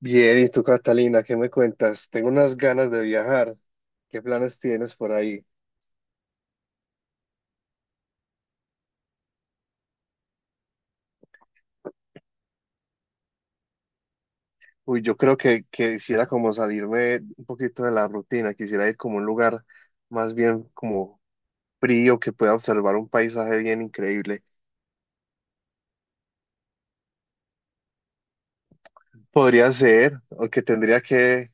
Bien, ¿y tú, Catalina, qué me cuentas? Tengo unas ganas de viajar. ¿Qué planes tienes por ahí? Uy, yo creo que quisiera como salirme un poquito de la rutina, quisiera ir como a un lugar más bien como frío, que pueda observar un paisaje bien increíble. Podría ser, o que tendría que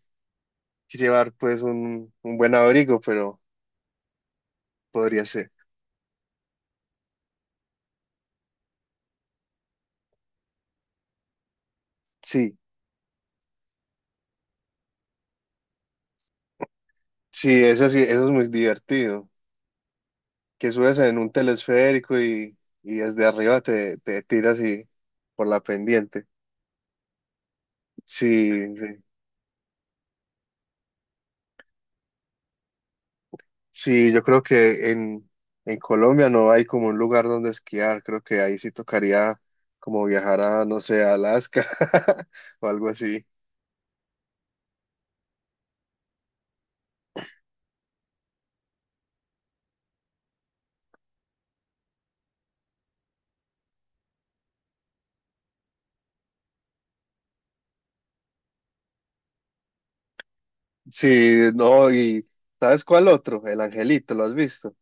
llevar pues un buen abrigo, pero podría ser. Sí, sí, eso es muy divertido, que subes en un telesférico y desde arriba te tiras y por la pendiente. Sí, sí, sí, yo creo que en Colombia no hay como un lugar donde esquiar, creo que ahí sí tocaría como viajar a, no sé, a Alaska o algo así. Sí, no, y ¿sabes cuál otro? El Angelito, ¿lo has visto?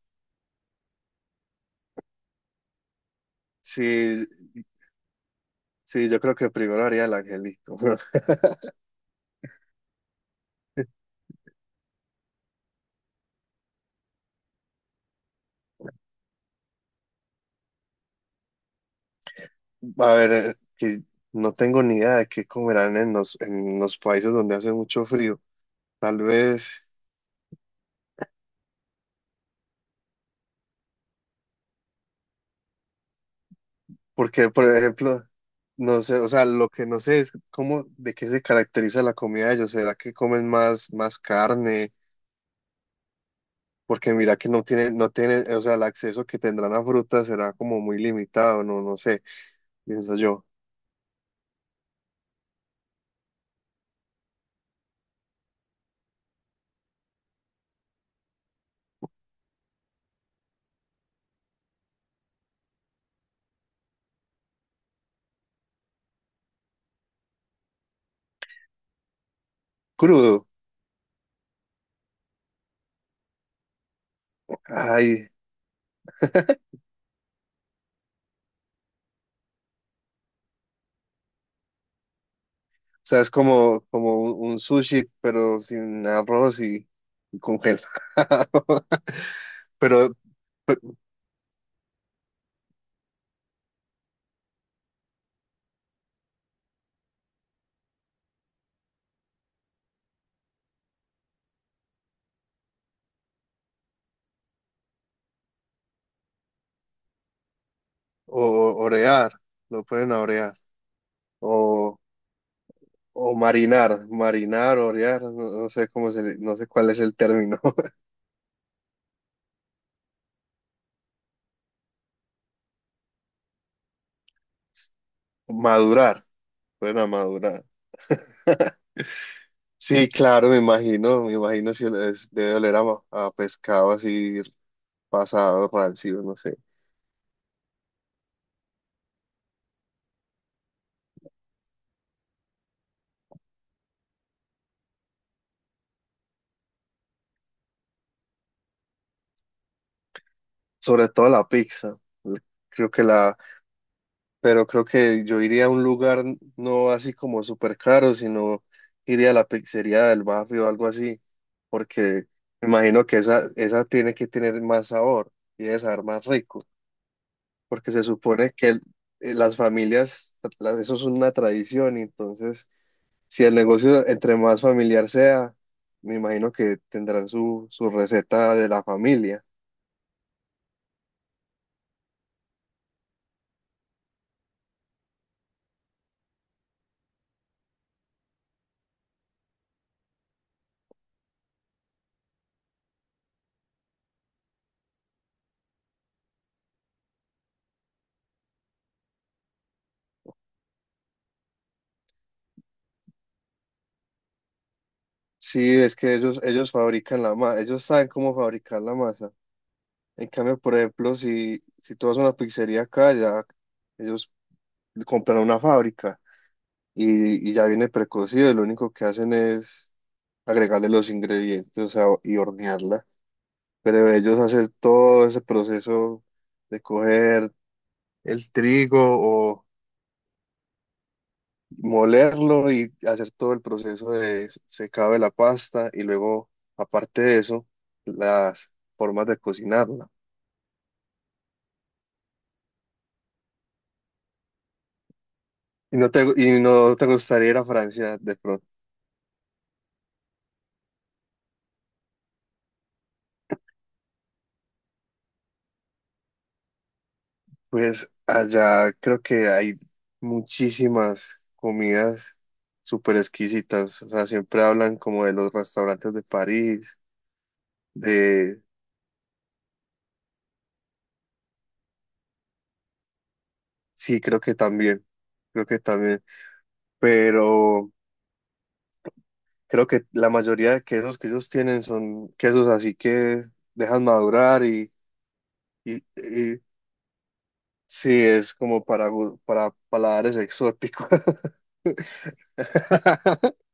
Sí, sí, yo creo que primero haría el Angelito. A ver, que no tengo ni idea de qué comerán en en los países donde hace mucho frío. Tal vez. Porque, por ejemplo, no sé, o sea, lo que no sé es cómo, de qué se caracteriza la comida de ellos. ¿Será que comen más, más carne? Porque mira que no tienen, o sea, el acceso que tendrán a frutas será como muy limitado, no, no sé, pienso yo. Crudo. Ay, o sea, es como, como un sushi, pero sin arroz y congelado. Pero, orear, lo pueden orear. O O marinar, marinar, orear, no, no sé cómo se, no sé cuál es el término. Madurar, bueno madurar. Sí, claro, me imagino si es- debe oler a, a pescado así pasado, rancio, no sé. Sobre todo la pizza. Creo que la, pero creo que yo iría a un lugar no así como súper caro, sino iría a la pizzería del barrio o algo así, porque me imagino que esa tiene que tener más sabor y debe saber más rico. Porque se supone las familias, eso es una tradición, y entonces si el negocio entre más familiar sea, me imagino que tendrán su receta de la familia. Sí, es que ellos fabrican la masa, ellos saben cómo fabricar la masa. En cambio, por ejemplo, si tú vas a una pizzería acá, ya ellos compran una fábrica y ya viene precocido, y lo único que hacen es agregarle los ingredientes, o sea, y hornearla. Pero ellos hacen todo ese proceso de coger el trigo o molerlo y hacer todo el proceso de secado de la pasta y luego, aparte de eso, las formas de cocinarla. Y no te gustaría ir a Francia de pronto. Pues allá creo que hay muchísimas comidas súper exquisitas. O sea, siempre hablan como de los restaurantes de París, de... Sí, creo que también. Creo que también. Pero creo que la mayoría de quesos que ellos tienen son quesos así que dejan madurar y sí, es como para, para paladares exóticos.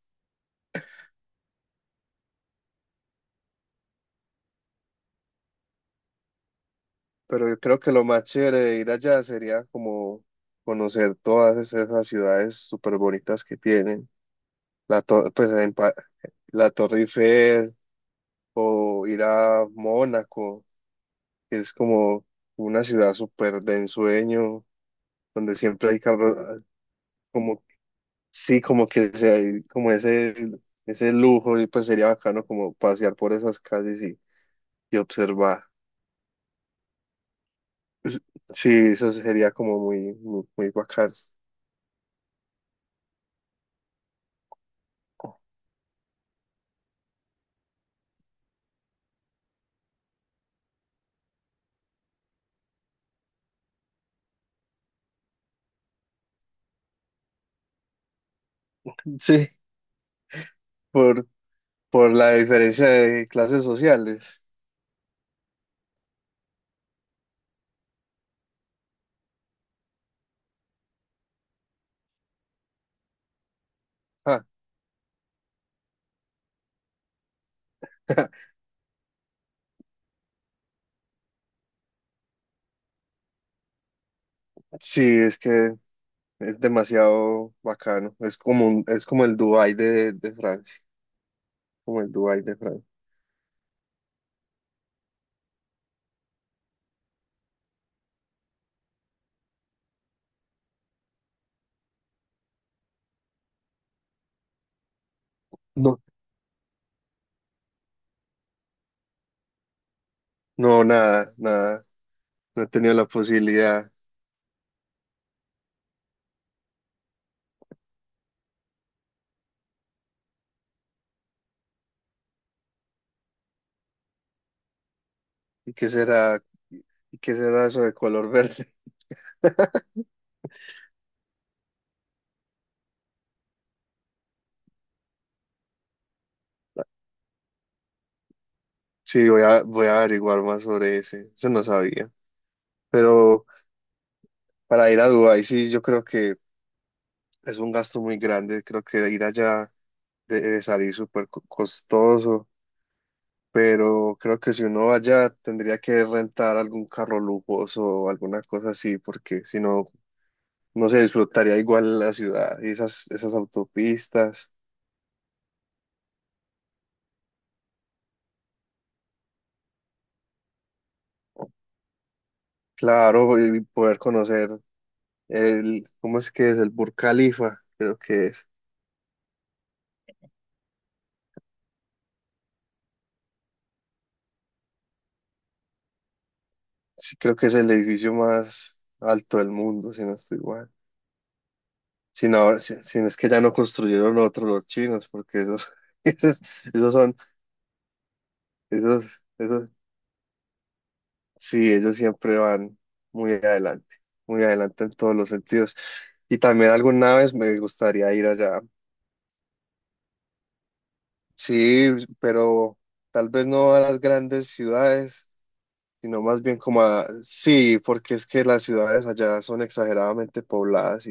Pero yo creo que lo más chévere de ir allá sería como conocer todas esas ciudades súper bonitas que tienen. Pues, la Torre Eiffel o ir a Mónaco, que es como una ciudad súper de ensueño, donde siempre hay carros, como, sí, como que se hay como ese lujo y pues sería bacano como pasear por esas calles y observar. S- Sí, eso sería como muy, muy, muy bacano. Sí, por, por la diferencia de clases sociales. Ah, sí, es que es demasiado bacano. Es como el Dubái de Francia, como el Dubái de Francia. No, no, nada, nada. No he tenido la posibilidad. ¿Y qué será? ¿Y qué será eso de color verde? Sí, voy a averiguar más sobre ese. Eso no sabía. Pero para ir a Dubái, sí, yo creo que es un gasto muy grande. Creo que ir allá debe salir costoso. Pero creo que si uno va allá, tendría que rentar algún carro lujoso o alguna cosa así, porque si no, no se disfrutaría igual la ciudad y esas autopistas. Claro, y poder conocer el, ¿cómo es que es? El Burj Khalifa, creo que es. Sí, creo que es el edificio más alto del mundo, si no estoy mal. Si no, si no es que ya no construyeron otro los chinos, porque esos, esos, esos son, esos, esos, sí, ellos siempre van muy adelante, muy adelante en todos los sentidos. Y también alguna vez me gustaría ir allá. Sí, pero tal vez no a las grandes ciudades, sino más bien como a, sí, porque es que las ciudades allá son exageradamente pobladas.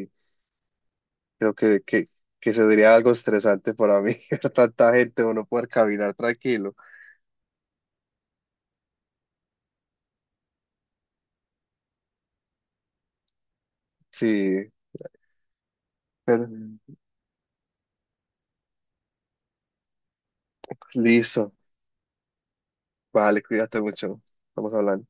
Creo que sería algo estresante para mí, ver tanta gente o no poder caminar tranquilo. Sí, pero listo. Vale, cuídate mucho. Estamos hablando.